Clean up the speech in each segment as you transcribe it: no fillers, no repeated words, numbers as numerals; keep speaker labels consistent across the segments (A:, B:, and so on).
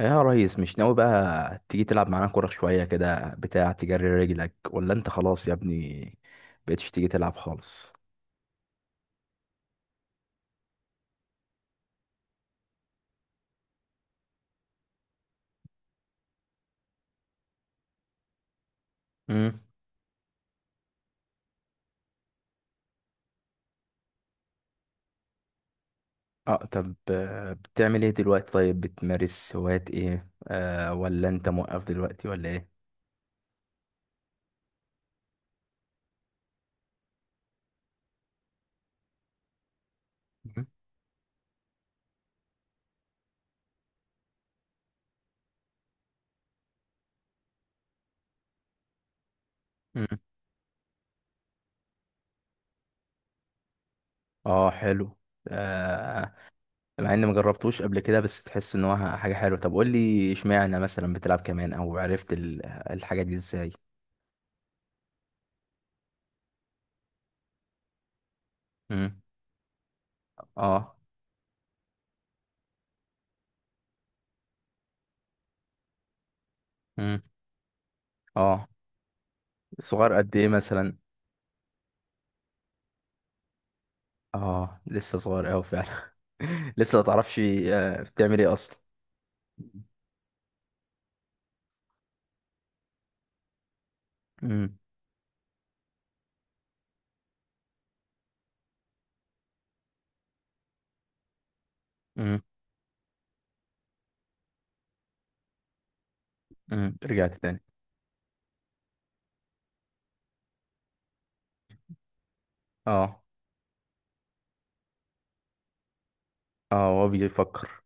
A: يا ريس، مش ناوي بقى تيجي تلعب معانا كورة شوية كده، بتاع تجري رجلك، ولا انت خلاص يا ابني بقيتش تيجي تلعب خالص؟ امم. اه، طب بتعمل ايه دلوقتي؟ طيب، بتمارس هوايات ايه؟ ولا انت موقف دلوقتي ولا ايه؟ مم. مم. اه، حلو. آه. مع اني مجربتوش قبل كده بس تحس ان هو حاجة حلوة. طب قول لي، اشمعنى مثلا بتلعب كمان؟ او عرفت الحاجة دي ازاي؟ امم. اه. امم. اه، صغير قد ايه مثلا؟ اه، لسه صغير اوي فعلا. لسه ما تعرفش بتعمل ايه اصلا. امم. امم. رجعت تاني؟ اه، اه، هو بيفكر.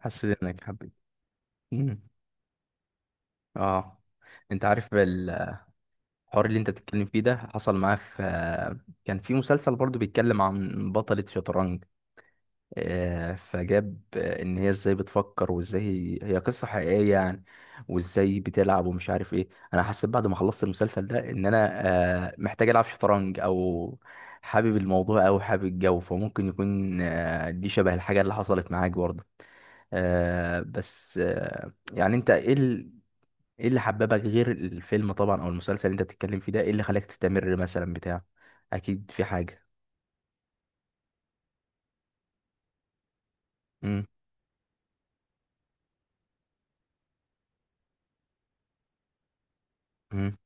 A: حسيت انك حبيت. امم. اه، انت عارف الحوار اللي انت بتتكلم فيه ده حصل معاه في، كان في مسلسل برضو بيتكلم عن بطلة شطرنج. فجاب ان هي ازاي بتفكر، وازاي هي قصة حقيقية يعني، وازاي بتلعب ومش عارف ايه. انا حسيت بعد ما خلصت المسلسل ده ان انا محتاج العب شطرنج، او حابب الموضوع او حابب الجو، فممكن يكون دي شبه الحاجة اللي حصلت معاك برضه. بس يعني ايه اللي حببك غير الفيلم طبعا، او المسلسل اللي انت بتتكلم فيه ده، ايه اللي خلاك تستمر مثلا بتاع؟ اكيد في حاجة. امم. امم.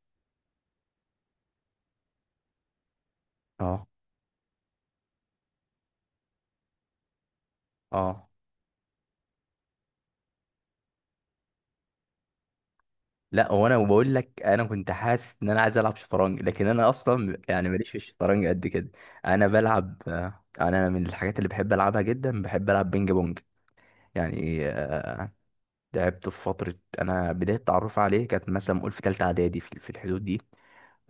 A: اه. اه، لا، وانا بقول لك انا كنت حاسس ان انا عايز العب شطرنج، لكن انا اصلا يعني ماليش في الشطرنج قد كده. انا بلعب آه، انا من الحاجات اللي بحب العبها جدا بحب العب بينج بونج. يعني لعبته في فتره. انا بدايه تعرف عليه كانت مثلا قول في تالتة اعدادي، في الحدود دي.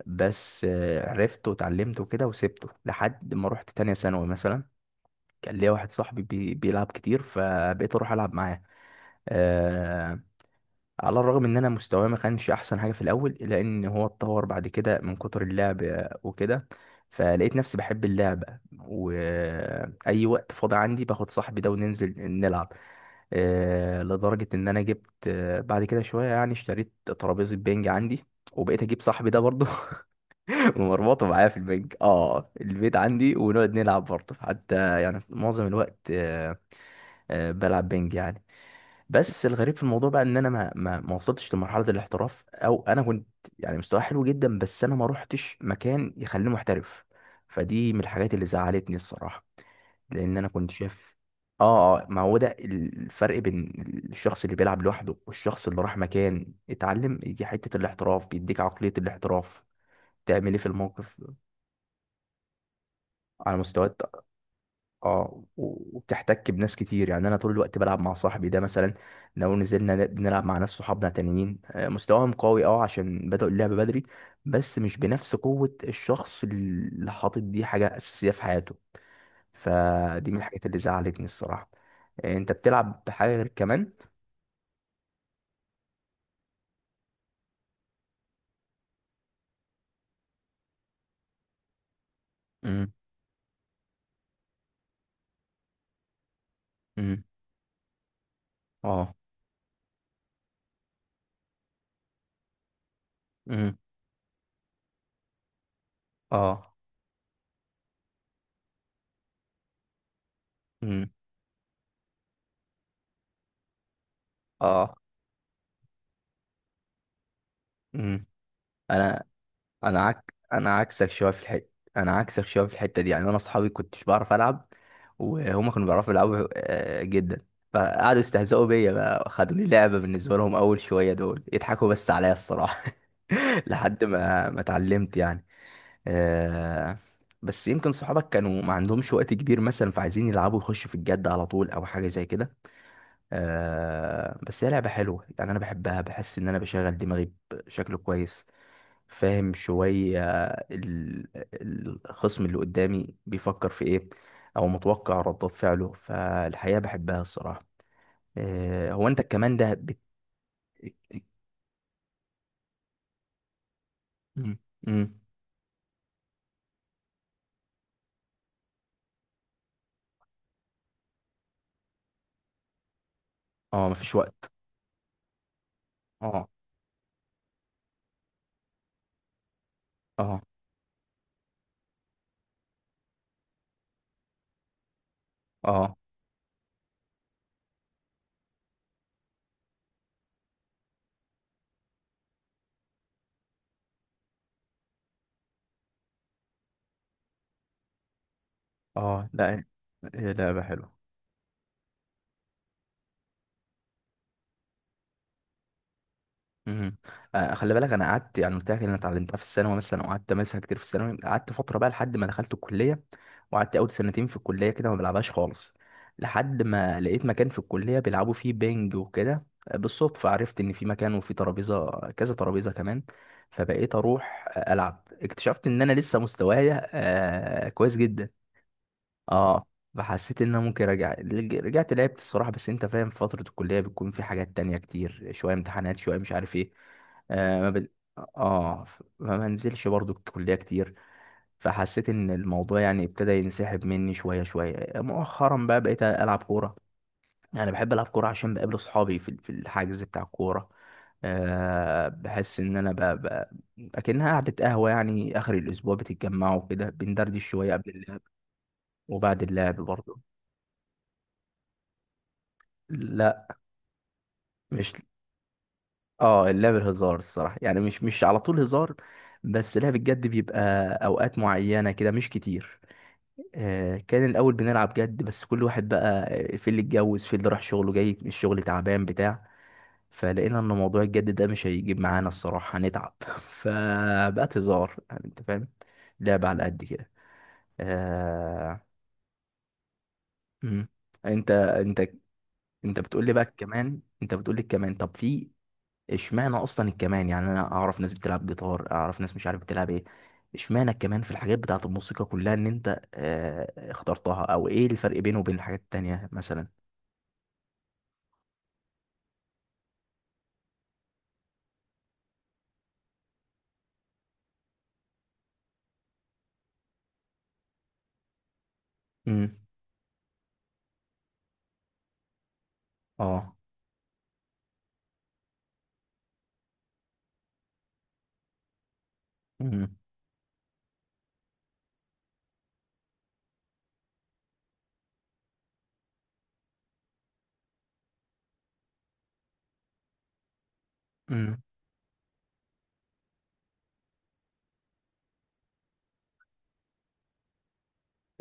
A: بس عرفته وتعلمته كده وسبته لحد ما رحت تانية ثانوي مثلا. كان ليا واحد صاحبي بيلعب كتير، فبقيت اروح العب معاه. آه، على الرغم ان انا مستواه ما كانش احسن حاجه في الاول، الا ان هو اتطور بعد كده من كتر اللعب وكده. فلقيت نفسي بحب اللعبه، واي وقت فاضي عندي باخد صاحبي ده وننزل نلعب. لدرجه ان انا جبت بعد كده شويه يعني اشتريت ترابيزه بينج عندي، وبقيت اجيب صاحبي ده برضه. ومربوطه معايا في البنج اه البيت عندي، ونقعد نلعب برضه، حتى يعني معظم الوقت بلعب بنج يعني. بس الغريب في الموضوع بقى ان انا ما وصلتش لمرحله الاحتراف، او انا كنت يعني مستواي حلو جدا، بس انا ما روحتش مكان يخليني محترف. فدي من الحاجات اللي زعلتني الصراحه، لان انا كنت شايف. اه، اه، ما هو ده الفرق بين الشخص اللي بيلعب لوحده والشخص اللي راح مكان اتعلم، يجي حته الاحتراف بيديك عقليه الاحتراف تعمل ايه في الموقف. على مستويات. اه، وبتحتك بناس كتير. يعني انا طول الوقت بلعب مع صاحبي ده مثلا، لو نزلنا بنلعب مع ناس صحابنا تانيين مستواهم قوي، اه، عشان بدأوا اللعبة بدري، بس مش بنفس قوة الشخص اللي حاطط دي حاجة أساسية في حياته. فدي من الحاجات اللي زعلتني الصراحة. انت بتلعب بحاجة غير كمان؟ امم. امم. اه. امم. اه. امم. اه. امم. انا انا عكسك شويه في الحته. انا عكسك شويه في الحته دي، يعني انا اصحابي كنتش بعرف العب، وهما كانوا بيعرفوا يلعبوا جدا. فقعدوا يستهزئوا بيا بقى، خدوا لي لعبه بالنسبه لهم، اول شويه دول يضحكوا بس عليا الصراحه. لحد ما اتعلمت يعني. آه، بس يمكن صحابك كانوا ما عندهمش وقت كبير مثلا، فعايزين يلعبوا يخشوا في الجد على طول او حاجه زي كده. بس هي لعبه حلوه، يعني انا بحبها، بحس ان انا بشغل دماغي بشكل كويس. فاهم شوية ال- الخصم اللي قدامي بيفكر في ايه، او متوقع ردات فعله، فالحقيقة بحبها الصراحة. هو انت كمان ده مم. مم. اه، مفيش وقت. اه، اه، اه، اه، لا، هي لعبة حلوة. مهم. خلي بالك، انا قعدت يعني قلت لك ان انا اتعلمتها في الثانوي مثلا، وقعدت امارسها كتير في الثانوي، قعدت فتره بقى لحد ما دخلت الكليه، وقعدت اول سنتين في الكليه كده ما بلعبهاش خالص، لحد ما لقيت مكان في الكليه بيلعبوا فيه بينج وكده. بالصدفه عرفت ان في مكان وفي ترابيزه، كذا ترابيزه كمان. فبقيت اروح العب، اكتشفت ان انا لسه مستوايا كويس جدا. اه. فحسيت ان انا ممكن ارجع رجعت لعبت الصراحه، بس انت فاهم فتره الكليه بتكون في حاجات تانية كتير، شويه امتحانات شويه مش عارف ايه. آه ما بن... اه، ما بنزلش برضو الكليه كتير. فحسيت ان الموضوع يعني ابتدى ينسحب مني شويه شويه مؤخرا، بقى بقيت العب كوره. انا بحب العب كوره عشان بقابل اصحابي في الحجز بتاع الكوره. أه، بحس ان انا اكنها قعده قهوه. يعني اخر الاسبوع بتتجمعوا كده بندردش شويه قبل اللعب، وبعد اللعب برضه. لا، مش اه اللعبة هزار الصراحة، يعني مش على طول هزار. بس لعب الجد بيبقى اوقات معينة كده مش كتير. كان الاول بنلعب جد، بس كل واحد بقى في اللي اتجوز، في اللي راح شغله جاي من الشغل تعبان بتاع. فلقينا ان موضوع الجد ده مش هيجيب معانا الصراحة، هنتعب. فبقت هزار، يعني انت فاهم، لعبة على قد كده. آه. مم. انت انت انت بتقول لي بقى كمان، انت بتقول لي كمان، طب في اشمعنى اصلا الكمان؟ يعني انا اعرف ناس بتلعب جيتار، اعرف ناس مش عارف بتلعب ايه. اشمعنى الكمان في الحاجات بتاعت الموسيقى كلها ان انت اخترتها، او ايه الفرق بينه وبين الحاجات التانية مثلا؟ امم. اه. امم. امم.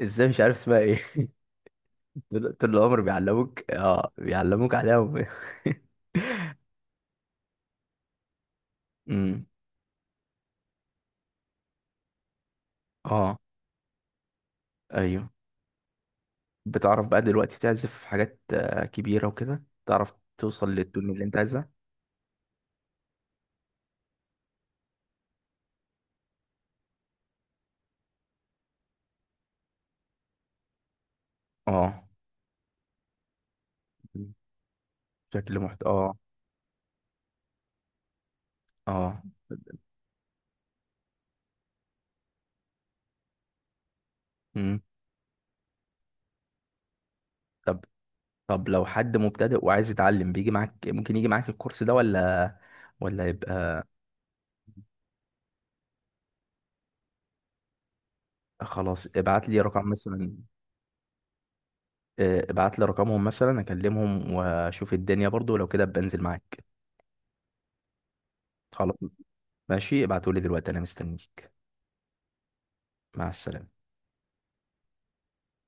A: ازاي مش عارف اسمها ايه؟ طول طول العمر بيعلموك، اه، بيعلموك عليها امم. اه. ايوه. بتعرف بقى دلوقتي تعزف حاجات كبيرة وكده؟ تعرف توصل للتون اللي انت عايزها؟ اه. مم. شكل محت اه، اه. مم. طب، لو حد مبتدئ وعايز يتعلم بيجي معاك؟ ممكن يجي معاك الكورس ده ولا يبقى... خلاص، ابعت لي رقم مثلا. ابعت لي رقمهم مثلا اكلمهم واشوف الدنيا برضو، لو كده بنزل معاك. خلاص، ماشي، ابعتولي دلوقتي انا مستنيك. مع السلامة.